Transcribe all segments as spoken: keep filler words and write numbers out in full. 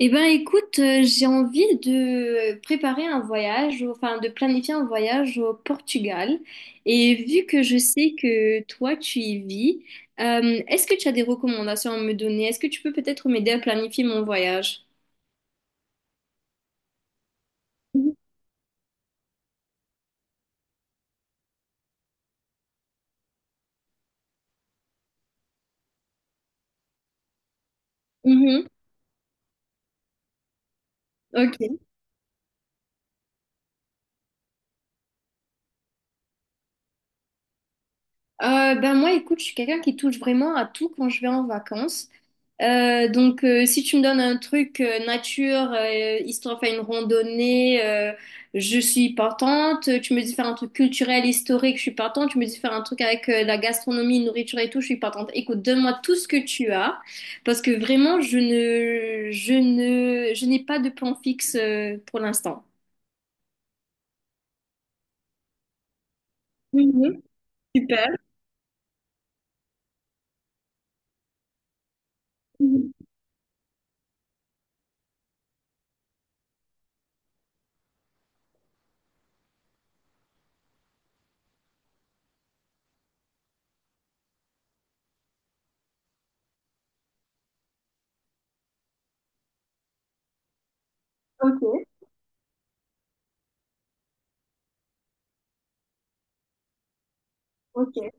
Eh ben écoute, euh, j'ai envie de préparer un voyage, enfin de planifier un voyage au Portugal. Et vu que je sais que toi tu y vis, euh, est-ce que tu as des recommandations à me donner? Est-ce que tu peux peut-être m'aider à planifier mon voyage? Mhm. Mhm. Ok. Euh, ben moi, écoute, je suis quelqu'un qui touche vraiment à tout quand je vais en vacances. Euh, donc, euh, si tu me donnes un truc euh, nature, euh, histoire de faire une randonnée, euh, je suis partante. Tu me dis faire un truc culturel, historique, je suis partante. Tu me dis faire un truc avec euh, la gastronomie, nourriture et tout, je suis partante. Écoute, donne-moi tout ce que tu as, parce que vraiment, je ne, je ne, je n'ai pas de plan fixe euh, pour l'instant. Mhm, super. Mhm. Ok, ok.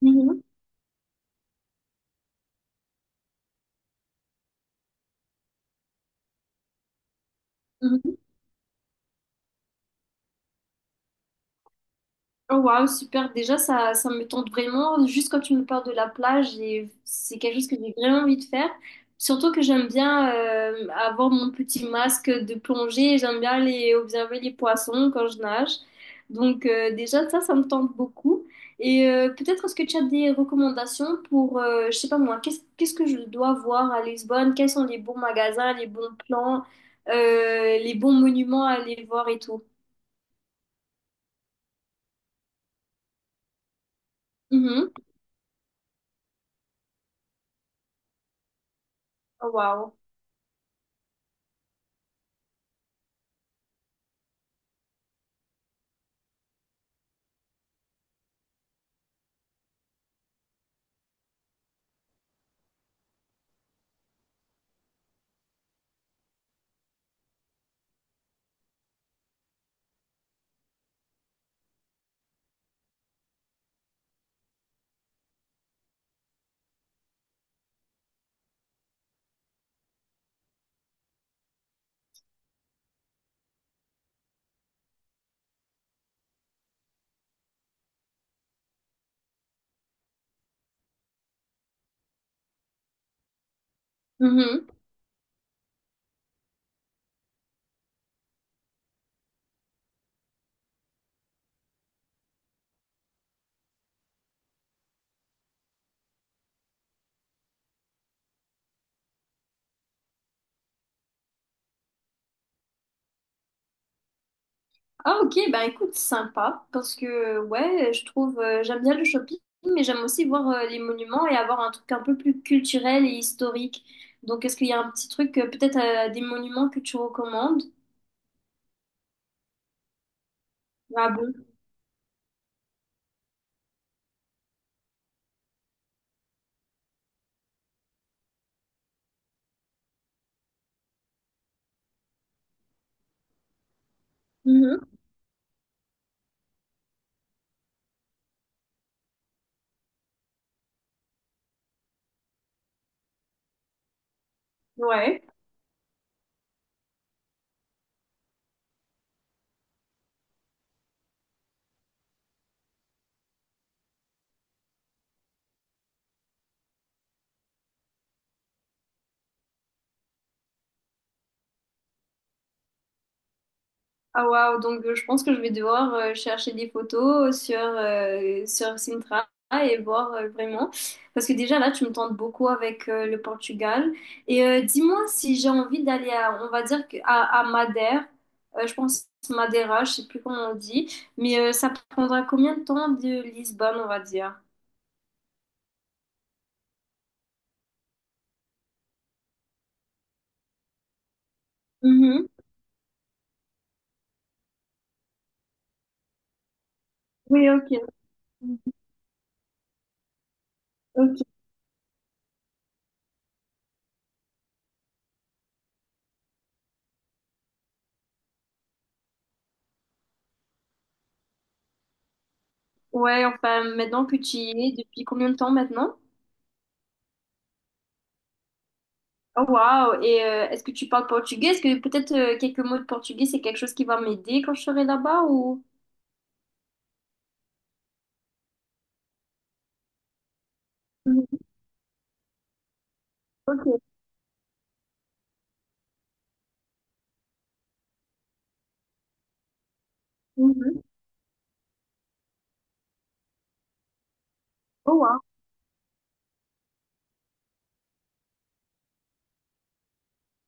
Mhm, mhm. Oh, waouh, super. Déjà, ça, ça me tente vraiment. Juste quand tu me parles de la plage, et c'est quelque chose que j'ai vraiment envie de faire. Surtout que j'aime bien euh, avoir mon petit masque de plongée. Et j'aime bien aller observer les poissons quand je nage. Donc, euh, déjà, ça, ça me tente beaucoup. Et euh, peut-être est-ce que tu as des recommandations pour, euh, je sais pas moi, qu'est-ce, qu'est-ce que je dois voir à Lisbonne? Quels sont les bons magasins, les bons plans, euh, les bons monuments à aller voir et tout? Mhm. Oh, waouh. Mhm. Ah ok, ben écoute, sympa, parce que ouais, je trouve, euh, j'aime bien le shopping, mais j'aime aussi voir euh, les monuments et avoir un truc un peu plus culturel et historique. Donc est-ce qu'il y a un petit truc, euh, peut-être euh, des monuments que tu recommandes? Ah bon? Mhm. Ouais. Ah waouh, donc euh, je pense que je vais devoir euh, chercher des photos euh, sur, euh, sur Sintra et voir euh, vraiment. Parce que déjà là, tu me tentes beaucoup avec euh, le Portugal. Et euh, dis-moi si j'ai envie d'aller à, on va dire, que- à, à Madère. Euh, je pense Madeira, je sais plus comment on dit. Mais euh, ça prendra combien de temps de Lisbonne, on va dire? Mhm. Oui, ok. Ok. Ouais, enfin, maintenant que tu y es, depuis combien de temps maintenant? Oh, waouh! Et euh, est-ce que tu parles portugais? Est-ce que peut-être euh, quelques mots de portugais, c'est quelque chose qui va m'aider quand je serai là-bas ou... Mhm. Ok. Mhm. Oh, waouh.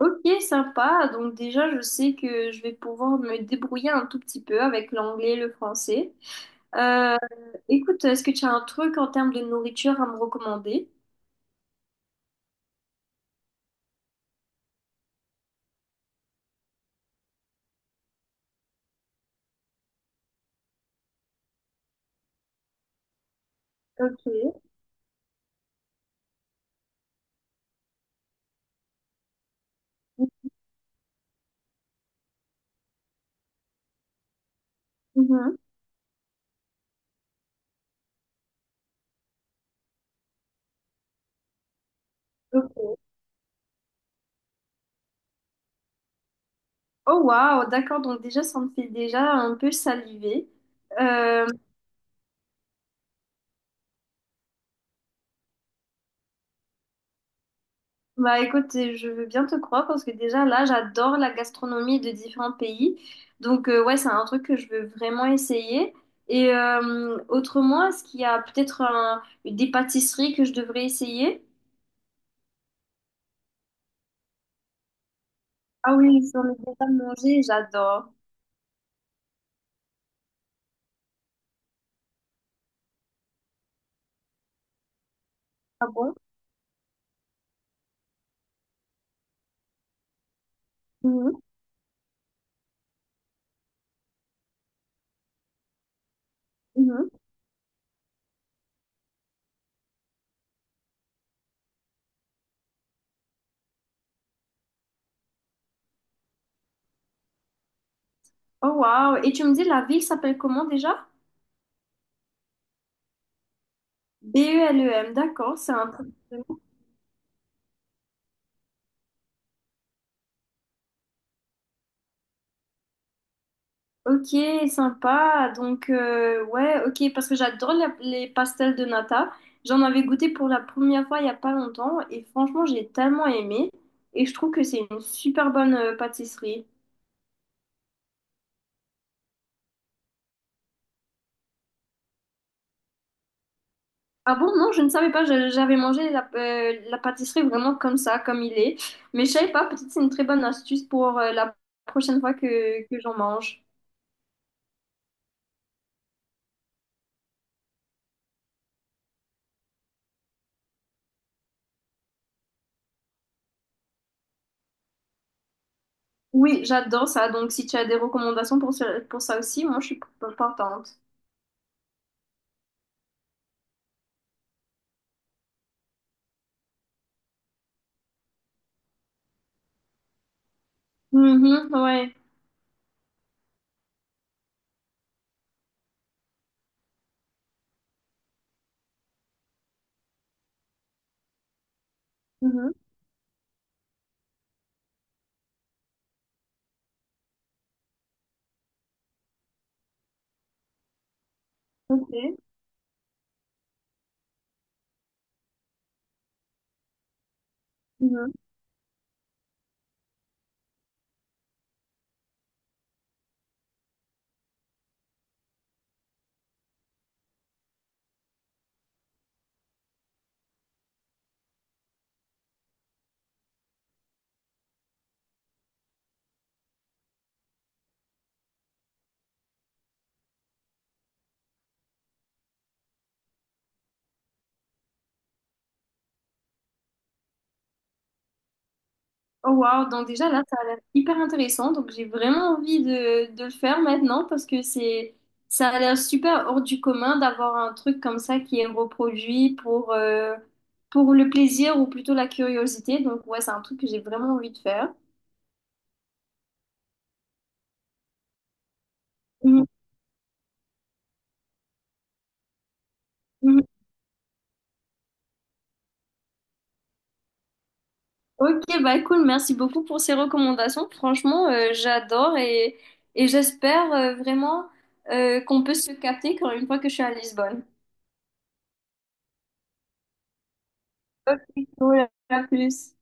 Ok, sympa. Donc déjà, je sais que je vais pouvoir me débrouiller un tout petit peu avec l'anglais et le français. Euh, écoute, est-ce que tu as un truc en termes de nourriture à me recommander? Ok. Mhm. Ok. Oh, waouh! D'accord. Donc déjà, ça me fait déjà un peu saliver. Euh, Bah écoute, je veux bien te croire parce que déjà là, j'adore la gastronomie de différents pays. Donc euh, ouais, c'est un truc que je veux vraiment essayer. Et euh, autrement, est-ce qu'il y a peut-être un- des pâtisseries que je devrais essayer? Ah oui, j'en ai déjà mangé, j'adore. Ah bon? Mhm, mhm. Oh wow. Et tu me dis, la ville s'appelle comment déjà? B E L E M, d'accord, c'est un truc. Ok, sympa. Donc, euh, ouais, ok, parce que j'adore la- les pastels de nata. J'en avais goûté pour la première fois il n'y a pas longtemps et franchement, j'ai tellement aimé et je trouve que c'est une super bonne euh, pâtisserie. Ah bon, non, je ne savais pas, je- j'avais mangé la, euh, la pâtisserie vraiment comme ça, comme il est. Mais je savais pas, peut-être c'est une très bonne astuce pour euh, la prochaine fois que, que j'en mange. Oui, j'adore ça, donc si tu as des recommandations pour, ce- pour ça aussi, moi je suis partante. Mhm, ouais. Mhm, ok. Mhm. Oh wow, donc déjà là, ça a l'air hyper intéressant. Donc j'ai vraiment envie de, de le faire maintenant parce que c'est ça a l'air super hors du commun d'avoir un truc comme ça qui est reproduit pour, euh, pour le plaisir ou plutôt la curiosité. Donc ouais, c'est un truc que j'ai vraiment envie de faire. Mhm. Mhm. Ok, bah cool, merci beaucoup pour ces recommandations. Franchement, euh, j'adore et, et j'espère euh, vraiment euh, qu'on peut se capter quand une fois que je suis à Lisbonne. Ok, cool, à plus.